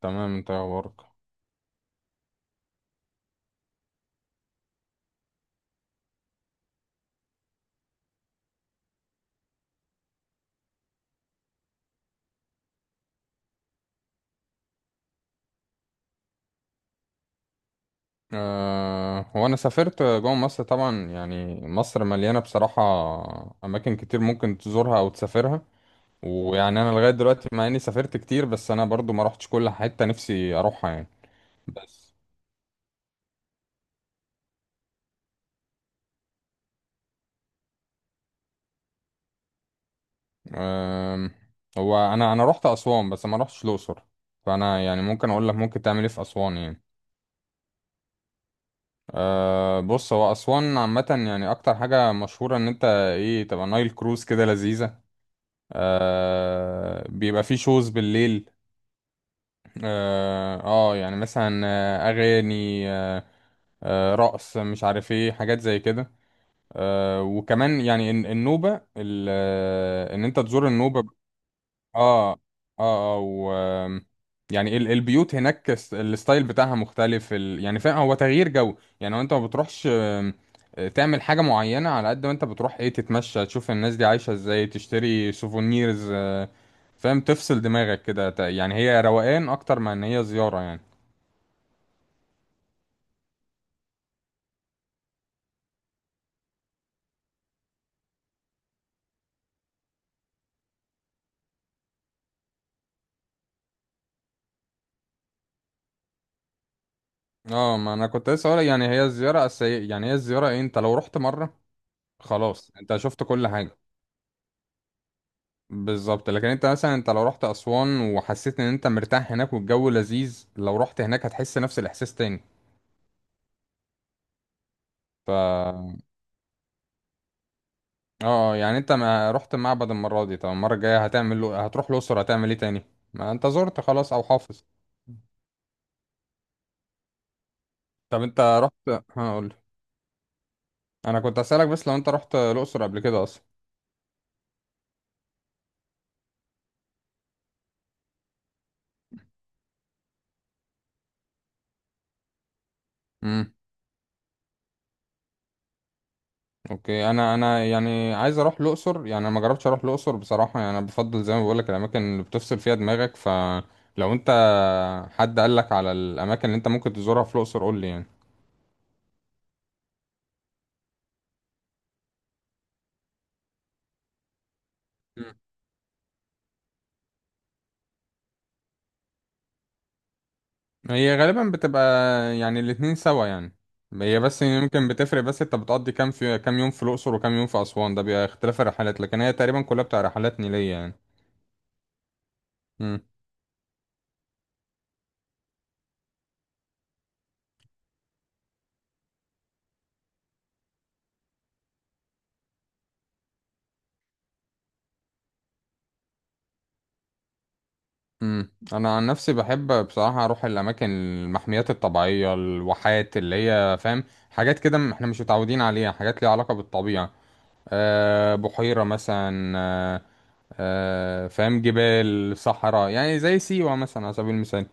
تمام، انت إيه اخبارك؟ هو انا سافرت جوه مصر طبعا، يعني مصر مليانه بصراحه اماكن كتير ممكن تزورها او تسافرها. ويعني انا لغايه دلوقتي، مع اني سافرت كتير، بس انا برضو ما روحتش كل حته نفسي اروحها يعني. بس أه هو انا روحت اسوان، بس ما روحتش الاقصر. فانا يعني ممكن اقول لك ممكن تعمل ايه في اسوان يعني. بص، هو اسوان عامه يعني اكتر حاجه مشهوره ان انت ايه تبقى نايل كروز، كده لذيذه. بيبقى فيه شوز بالليل. اه، يعني مثلا اغاني رقص، مش عارف ايه، حاجات زي كده. وكمان يعني النوبة ان انت تزور النوبة. اه، اه، اه. و آم، يعني البيوت هناك الستايل بتاعها مختلف يعني فاهم، هو تغيير جو. يعني هو انت ما بتروحش تعمل حاجة معينة، على قد ما انت بتروح ايه، تتمشى، تشوف الناس دي عايشة ازاي، تشتري سوفونيرز فاهم، تفصل دماغك كده يعني هي روقان اكتر ما ان هي زيارة يعني. اه، ما انا كنت لسه هقول يعني هي الزيارة أساسية، يعني هي الزيارة إيه؟ انت لو رحت مرة خلاص انت شفت كل حاجة. بالظبط، لكن انت مثلا انت لو رحت اسوان وحسيت ان انت مرتاح هناك والجو لذيذ، لو رحت هناك هتحس نفس الاحساس تاني. ف، اه، يعني انت ما رحت معبد المره دي، طب المره الجايه هتعمل له، هتروح الاقصر هتعمل ايه تاني؟ ما انت زرت خلاص او حافظ. طب انت رحت، هقول. انا كنت اسالك بس، لو انت رحت الاقصر قبل كده اصلا. امم اوكي، انا يعني عايز اروح الاقصر، يعني انا ما جربتش اروح الاقصر بصراحه، يعني انا بفضل زي ما بقول لك الاماكن اللي بتفصل فيها دماغك. فلو انت حد قال لك على الاماكن اللي انت ممكن تزورها في الاقصر، قول لي يعني. مم. هي غالبا بتبقى يعني الاتنين سوا يعني. هي بس يمكن بتفرق، بس انت بتقضي كام في كام يوم في الاقصر وكام يوم في اسوان، ده بيبقى اختلاف الرحلات، لكن هي تقريبا كلها بتاع رحلات نيليه يعني. مم. انا عن نفسي بحب بصراحه اروح الاماكن، المحميات الطبيعيه، الواحات، اللي هي فاهم، حاجات كده احنا مش متعودين عليها، حاجات ليها علاقه بالطبيعه. بحيره مثلا فاهم، جبال، صحراء، يعني زي سيوه مثلا على سبيل المثال.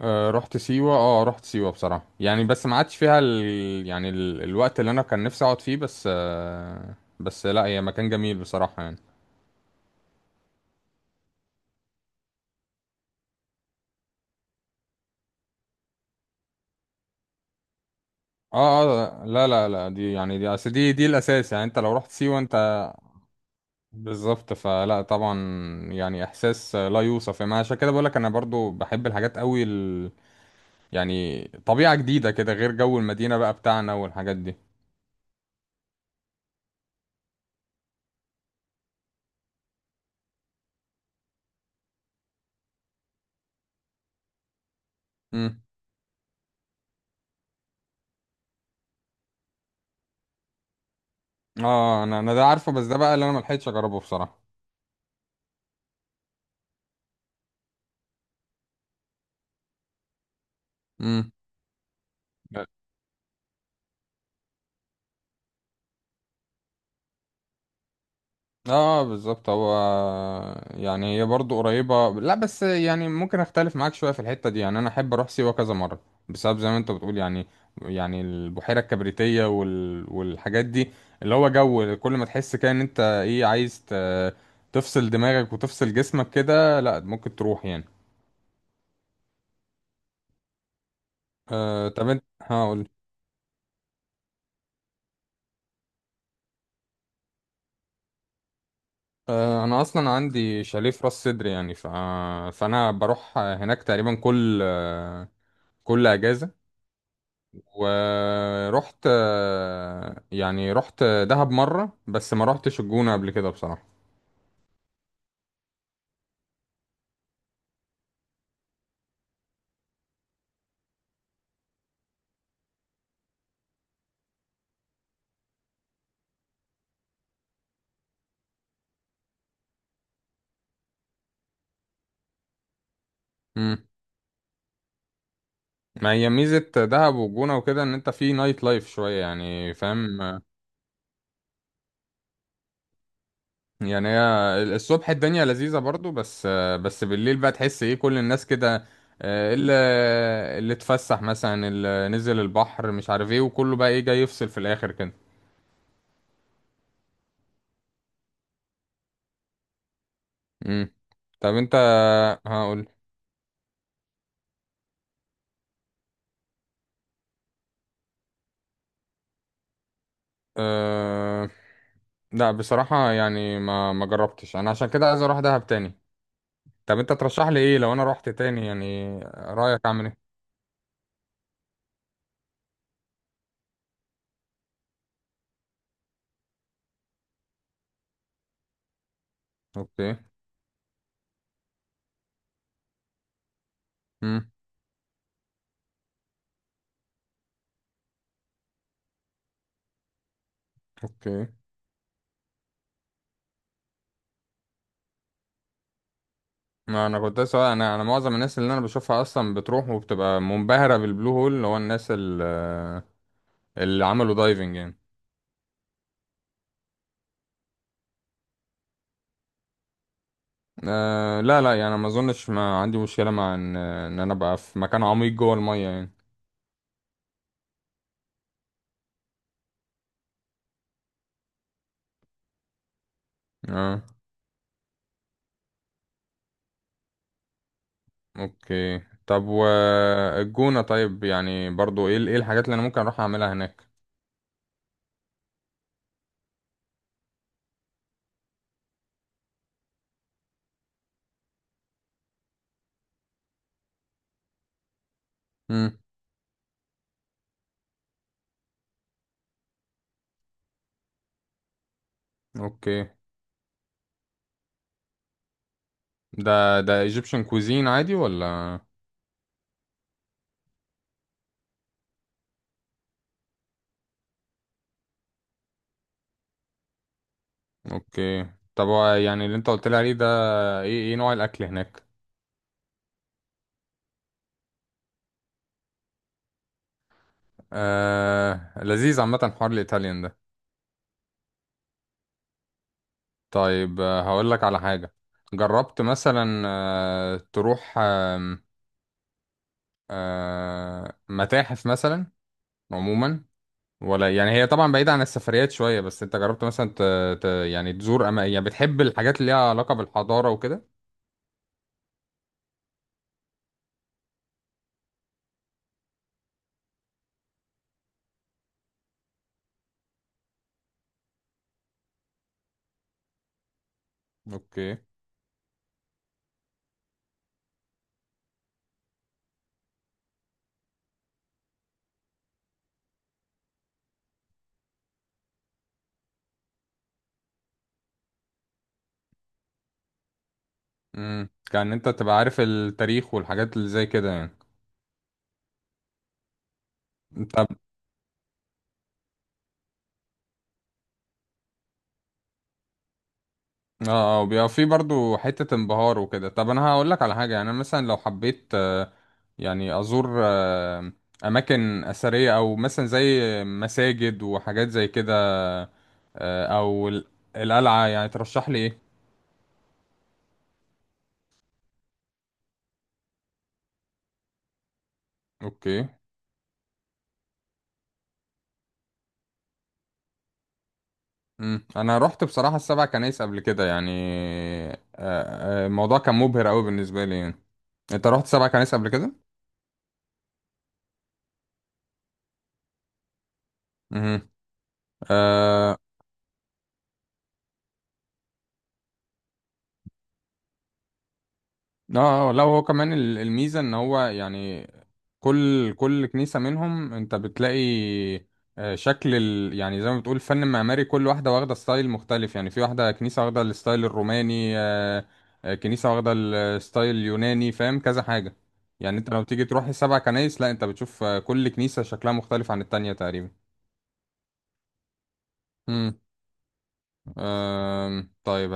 رحت سيوه، اه رحت سيوه بصراحه يعني، بس ما عادش فيها يعني الوقت اللي انا كان نفسي اقعد فيه، بس بس لا هي مكان جميل بصراحه يعني. اه، اه، لا، لا، لا، دي يعني دي اصل دي الاساس، يعني انت لو رحت سيوه انت. بالظبط، فلا طبعا، يعني احساس لا يوصف، يعني عشان كده بقولك انا برضو بحب الحاجات قوي يعني طبيعة جديدة كده غير جو المدينة بقى بتاعنا والحاجات دي. امم اه، انا ده عارفه، بس ده بقى اللي انا ملحقتش اجربه بصراحة. امم اه، بالظبط. هو يعني هي برضه قريبة، لا بس يعني ممكن اختلف معاك شوية في الحتة دي، يعني انا احب اروح سيوة كذا مرة بسبب زي ما انت بتقول يعني، البحيرة الكبريتية والحاجات دي، اللي هو جو كل ما تحس كده ان انت ايه عايز تفصل دماغك وتفصل جسمك كده، لا ممكن تروح يعني. طب انت هقول. انا اصلا عندي شاليه في راس سدر، يعني فانا بروح هناك تقريبا كل اجازة. ورحت، يعني رحت دهب مرة، بس ما رحتش الجونة قبل كده بصراحة. مم. ما هي ميزة دهب والجونة وكده ان انت في نايت لايف شوية يعني، فاهم. يعني هي الصبح الدنيا لذيذة برضو، بس بالليل بقى تحس ايه كل الناس كده، آه، اللي اللي اتفسح مثلا، اللي نزل البحر، مش عارف ايه، وكله بقى ايه جاي يفصل في الاخر كده. مم. طب انت هقول. أه... لا، بصراحة يعني ما جربتش انا، عشان كده عايز اروح دهب تاني. طب انت ترشح لي ايه لو انا رحت تاني، يعني رأيك اعمل ايه؟ اوكي. امم اوكي، ما انا كنت سواء انا معظم الناس اللي انا بشوفها اصلا بتروح وبتبقى منبهرة بالبلو هول، اللي هو الناس اللي عملوا دايفنج يعني. لا، لا يعني ما اظنش، ما عندي مشكلة مع ان انا ابقى في مكان عميق جوه المية يعني. اه، اوكي. طب والجونة طيب، يعني برضو ايه الحاجات اللي انا ممكن اروح اعملها هناك؟ اوكي، ده ايجيبشن كوزين عادي ولا؟ اوكي. طب هو يعني اللي انت قلت لي عليه ده ايه ايه نوع الاكل هناك؟ لذيذ عامه، حوار الايطاليان ده. طيب، هقول لك على حاجه. جربت مثلا تروح متاحف مثلا عموما، ولا يعني هي طبعا بعيده عن السفريات شويه، بس انت جربت مثلا يعني تزور يعني بتحب الحاجات اللي ليها علاقه بالحضاره وكده؟ اوكي. كان انت تبقى عارف التاريخ والحاجات اللي زي كده يعني. طب، اه، اه بيبقى في برضو حتة انبهار وكده. طب انا هقول لك على حاجة، يعني انا مثلا لو حبيت يعني ازور اماكن اثرية، او مثلا زي مساجد وحاجات زي كده، آه، او ال- القلعة يعني، ترشح لي ايه؟ اوكي. انا رحت بصراحة السبع كنايس قبل كده يعني، الموضوع كان مبهر قوي بالنسبة لي يعني. انت رحت سبع كنايس قبل كده؟ امم اه، لا هو كمان الميزة ان هو يعني كل كنيسة منهم انت بتلاقي شكل يعني زي ما بتقول الفن المعماري، كل واحدة واخدة ستايل مختلف، يعني في واحدة كنيسة واخدة الستايل الروماني كنيسة واخدة الستايل اليوناني، فاهم كذا حاجة. يعني انت لو تيجي تروح السبع كنايس، لا انت بتشوف كل كنيسة شكلها مختلف عن التانية تقريبا. طيب.